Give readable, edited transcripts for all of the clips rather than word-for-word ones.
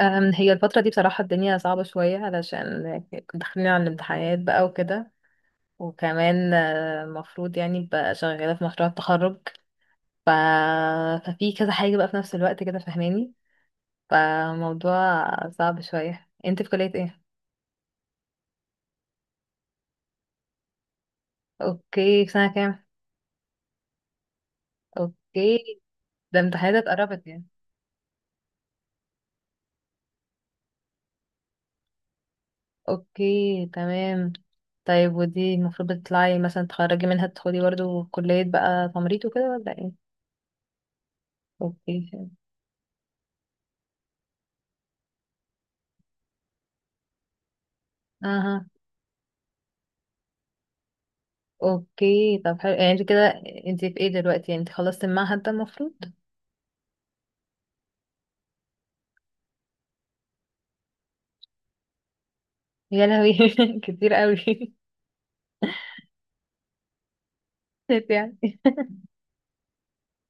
هي الفترة دي بصراحة الدنيا صعبة شوية علشان داخلين على الامتحانات بقى وكده. وكمان المفروض يعني بقى شغالة في مشروع التخرج. ف... ففي كذا حاجة بقى في نفس الوقت كده فاهماني. فموضوع صعب شوية. انت في كلية ايه؟ اوكي، في سنة كام؟ اوكي. ده امتحانات قربت يعني. اوكي تمام. طيب ودي المفروض بتطلعي مثلا تخرجي منها تدخلي برضو كلية بقى تمريض وكده ولا ايه؟ اوكي. اها. اوكي طب حلو. يعني انت كده انت في ايه دلوقتي؟ يعني انت خلصت المعهد ده المفروض. يا لهوي كتير قوي. يعني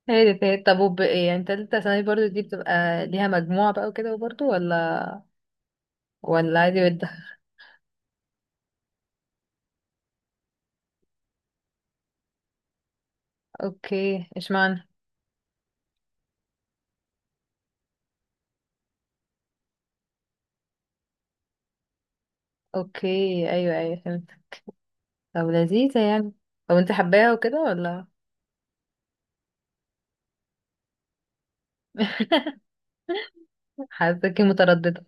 هادت هادت. طب يعني تالتة ثانوي برضو دي بتبقى ليها مجموعة بقى وكده برضو ولا ولا عادي بده؟ اوكي اشمعنى؟ اوكي ايوه ايوه فهمت. طب لذيذة يعني. طب انت حباها وكده ولا؟ حاساكي مترددة.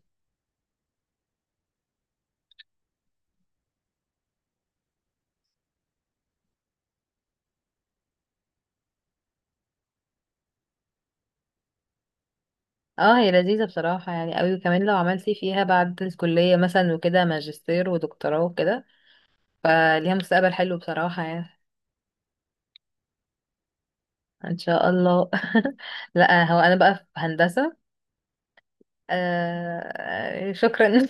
اه هي لذيذة بصراحة يعني قوي، وكمان لو عملتي فيها بعد الكلية مثلا وكده ماجستير ودكتوراه وكده، فليها مستقبل حلو بصراحة يعني. ان شاء الله. لا هو انا بقى في هندسة. آه شكرا.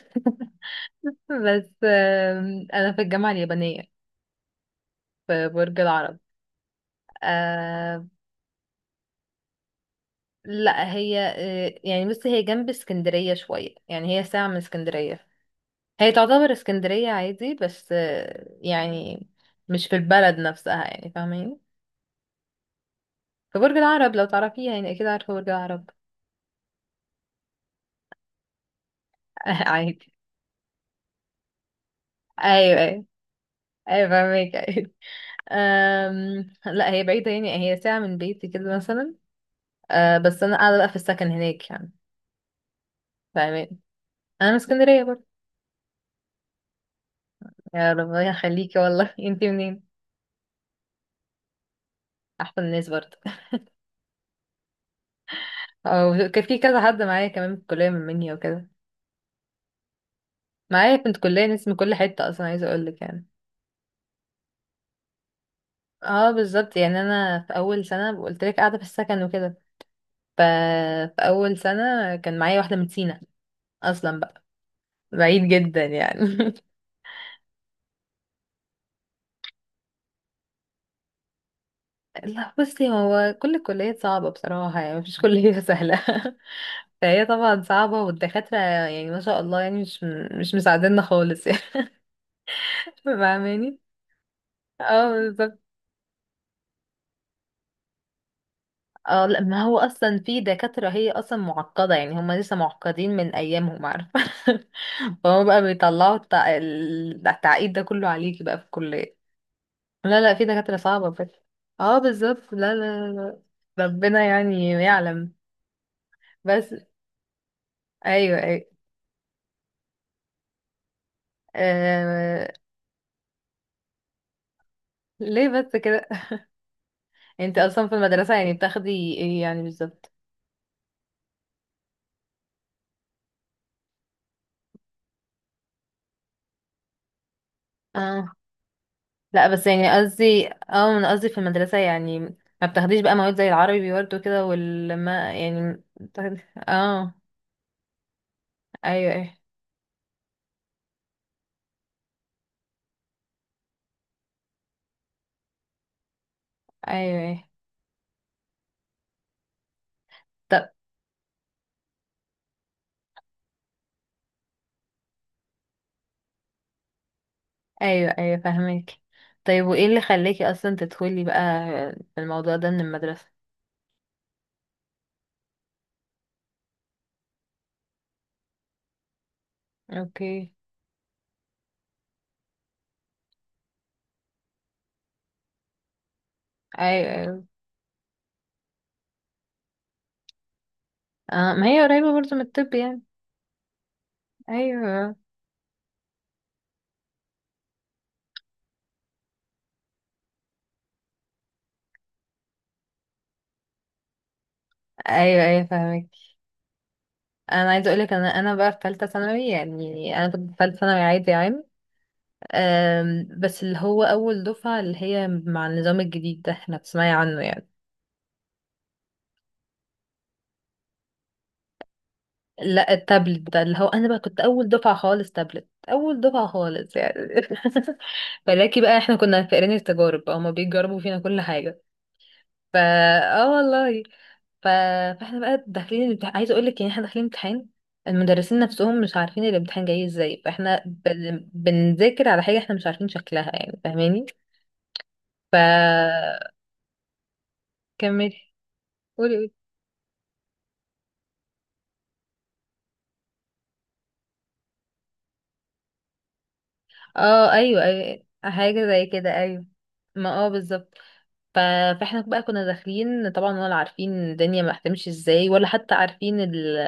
بس انا في الجامعة اليابانية في برج العرب. آه لا هي يعني بس هي جنب اسكندرية شوية، يعني هي ساعة من اسكندرية. هي تعتبر اسكندرية عادي، بس يعني مش في البلد نفسها يعني، فاهمين. في برج العرب، لو تعرفيها يعني اكيد عارفة برج العرب. عادي. ايوه ايوه. ايوه فاهمك. لا هي بعيدة، يعني هي ساعة من بيتي كده مثلا. أه بس أنا قاعدة بقى في السكن هناك يعني، فاهمين. أنا من اسكندرية برضه. يا ربنا يخليكي والله. انتي منين؟ أحسن الناس برضه. أو كان في كذا حد معايا كمان في الكلية من مني وكده. معايا بنت كلية ناس من كل حتة أصلا، عايزة أقولك يعني. اه بالظبط يعني. أنا في أول سنة قلت لك قاعدة في السكن وكده. ف... في أول سنة كان معايا واحدة من سينا أصلا بقى، بعيد جدا يعني. لا بصي، هو كل الكليات صعبة بصراحة يعني. مفيش كلية سهلة. فهي طبعا صعبة، والدكاترة يعني ما شاء الله يعني مش مساعديننا خالص يعني. فاهماني. اه بالظبط. اه لا ما هو اصلا في دكاترة هي اصلا معقدة، يعني هم لسه معقدين من ايامهم، عارفة. فهم بقى بيطلعوا التعقيد ده كله عليكي بقى في الكلية. لا لا في دكاترة صعبة بس. اه بالظبط. لا لا لا ربنا يعني يعلم بس. ايوه ايوه. آه، ليه بس كده؟ انت اصلا في المدرسة يعني بتاخدي ايه يعني بالظبط؟ اه لا بس يعني قصدي، اه انا قصدي في المدرسة يعني ما بتاخديش بقى مواد زي العربي برضه كده والما، يعني بتاخدي. اه ايوه ايوه. ايوه ايوه. طب ايوه ايوه فاهمك. طيب وايه اللي خلاكي اصلا تدخلي بقى في الموضوع ده من المدرسة؟ اوكي. ايوه ايوه. اه ما هي قريبة برضه من الطب يعني. ايوه ايوه. ايوه فاهمك. انا عايزه اقول لك، انا بقى في ثالثه ثانوي، يعني انا كنت في ثالثه ثانوي عادي عام. بس اللي هو اول دفعه اللي هي مع النظام الجديد ده، احنا بتسمعي عنه يعني. لا التابلت ده، اللي هو انا بقى كنت اول دفعه خالص تابلت، اول دفعه خالص يعني. فلاكي بقى احنا كنا فاقرين التجارب بقى، هما بيجربوا فينا كل حاجه. فا اه والله. ف... فاحنا بقى داخلين الامتحان، عايزه اقول لك يعني احنا داخلين امتحان، المدرسين نفسهم مش عارفين الامتحان جاي ازاي، فاحنا بنذاكر على حاجه احنا مش عارفين شكلها يعني، فاهماني. ف كملي. قولي قولي. اه ايوه ايوه حاجه زي كده ايوه. ما اه بالظبط. ف... فاحنا بقى كنا داخلين طبعا ولا عارفين الدنيا ما هتمشي ازاي، ولا حتى عارفين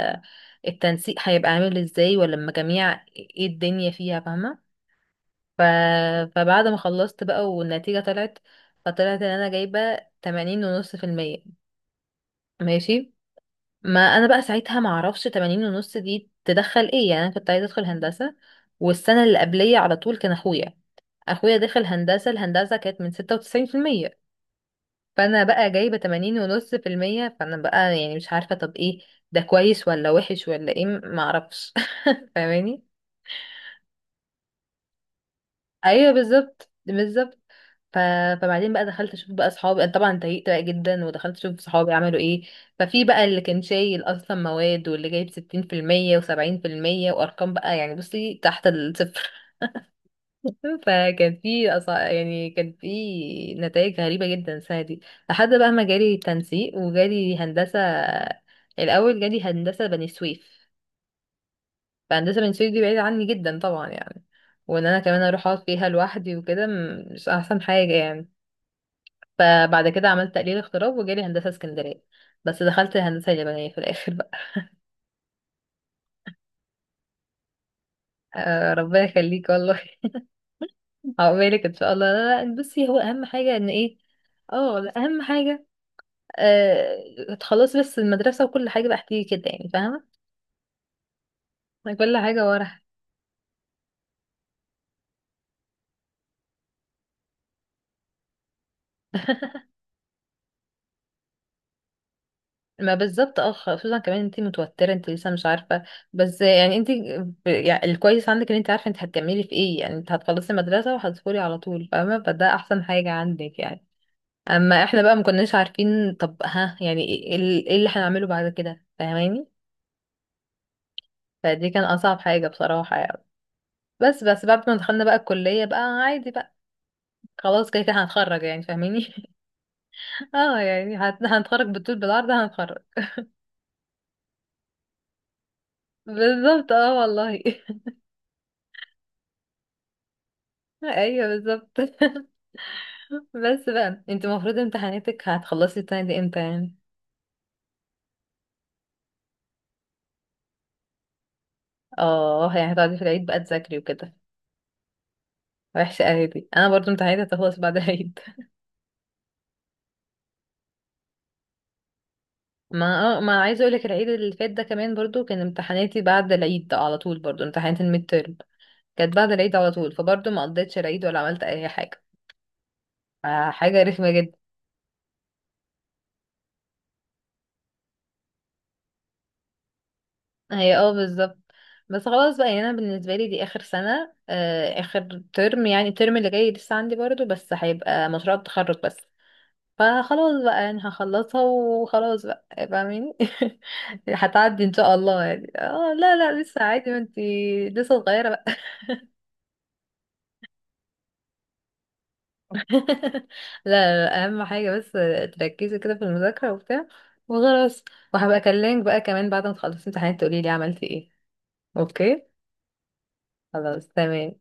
التنسيق هيبقى عامل ازاي، ولا المجاميع ايه الدنيا فيها، فاهمه. ف... فبعد ما خلصت بقى والنتيجة طلعت، فطلعت ان انا جايبة 80.5%. ماشي. ما انا بقى ساعتها ما اعرفش 80.5 دي تدخل ايه، يعني انا كنت عايزة ادخل هندسة. والسنة اللي قبلية على طول كان اخويا، اخويا دخل هندسة، الهندسة كانت من 96%. فانا بقى جايبة 80.5%، فانا بقى يعني مش عارفة طب ايه، ده كويس ولا وحش ولا ايه ما اعرفش. فاهماني. ايوه بالظبط بالظبط. ف... فبعدين بقى دخلت اشوف بقى اصحابي، انا طبعا اتضايقت بقى جدا، ودخلت اشوف صحابي عملوا ايه. ففي بقى اللي كان شايل اصلا مواد، واللي جايب 60% و70% وارقام بقى يعني بصي تحت الصفر. فكان في يعني كان في نتائج غريبة جدا السنة دي، لحد بقى ما جالي تنسيق وجالي هندسة. الاول جالي هندسة بني سويف. فهندسة بني سويف دي بعيدة عني جدا طبعا يعني، وان انا كمان اروح اقعد فيها لوحدي وكده مش احسن حاجة يعني. فبعد كده عملت تقليل اغتراب وجالي هندسة اسكندرية، بس دخلت هندسة يابانية في الآخر بقى. آه ربنا يخليك والله. عقبالك إن شاء الله. لا لا بصي، هو أهم حاجة إن إيه، اه لا، أهم حاجة، آه خلاص، بس المدرسة وكل حاجة بقى هتيجي كده يعني، فاهمة. يعني كل حاجة ورا. ما بالظبط. اه خصوصا كمان انتي متوترة، انتي لسه مش عارفة. بس يعني انتي يعني الكويس عندك ان انتي عارفة انتي هتكملي في ايه يعني، انت هتخلصي المدرسة وهتدخلي على طول، فاهمة. فده احسن حاجة عندك يعني. اما احنا بقى ما كناش عارفين طب ها يعني ايه، إيه إيه اللي هنعمله بعد كده، فاهماني. فدي كان اصعب حاجة بصراحة يعني. بس بعد ما دخلنا بقى الكلية بقى عادي بقى، خلاص كده كده هنتخرج يعني فاهماني. اه يعني هنتخرج بالطول بالعرض هنتخرج. بالظبط اه والله. ايوه بالظبط. بس بقى انت المفروض امتحاناتك هتخلصي السنة دي امتى يعني؟ اه يعني هتقعدي في العيد بقى تذاكري وكده. وحشة قوي دي، انا برضو امتحاناتي هتخلص بعد العيد. ما اه ما عايزه اقول لك، العيد اللي فات ده كمان برضو كان امتحاناتي بعد العيد على طول، برضو امتحانات الميد تيرم كانت بعد العيد على طول، فبرضو ما قضيتش العيد ولا عملت اي حاجه. حاجه رخمه جدا. هي اه بالظبط. بس خلاص بقى يعني انا بالنسبه لي دي اخر سنه، اخر ترم، يعني الترم اللي جاي لسه عندي برضو، بس هيبقى مشروع التخرج بس، فخلاص بقى يعني هخلصها وخلاص بقى، فاهمين. هتعدي ان شاء الله يعني. اه لا لا لسه عادي ما انتي لسه صغيره. لا لا، اهم حاجه بس تركزي كده في المذاكره وبتاع وخلاص. وهبقى اكلمك بقى كمان بعد ما تخلصي امتحانات تقولي لي عملتي ايه. اوكي خلاص تمام.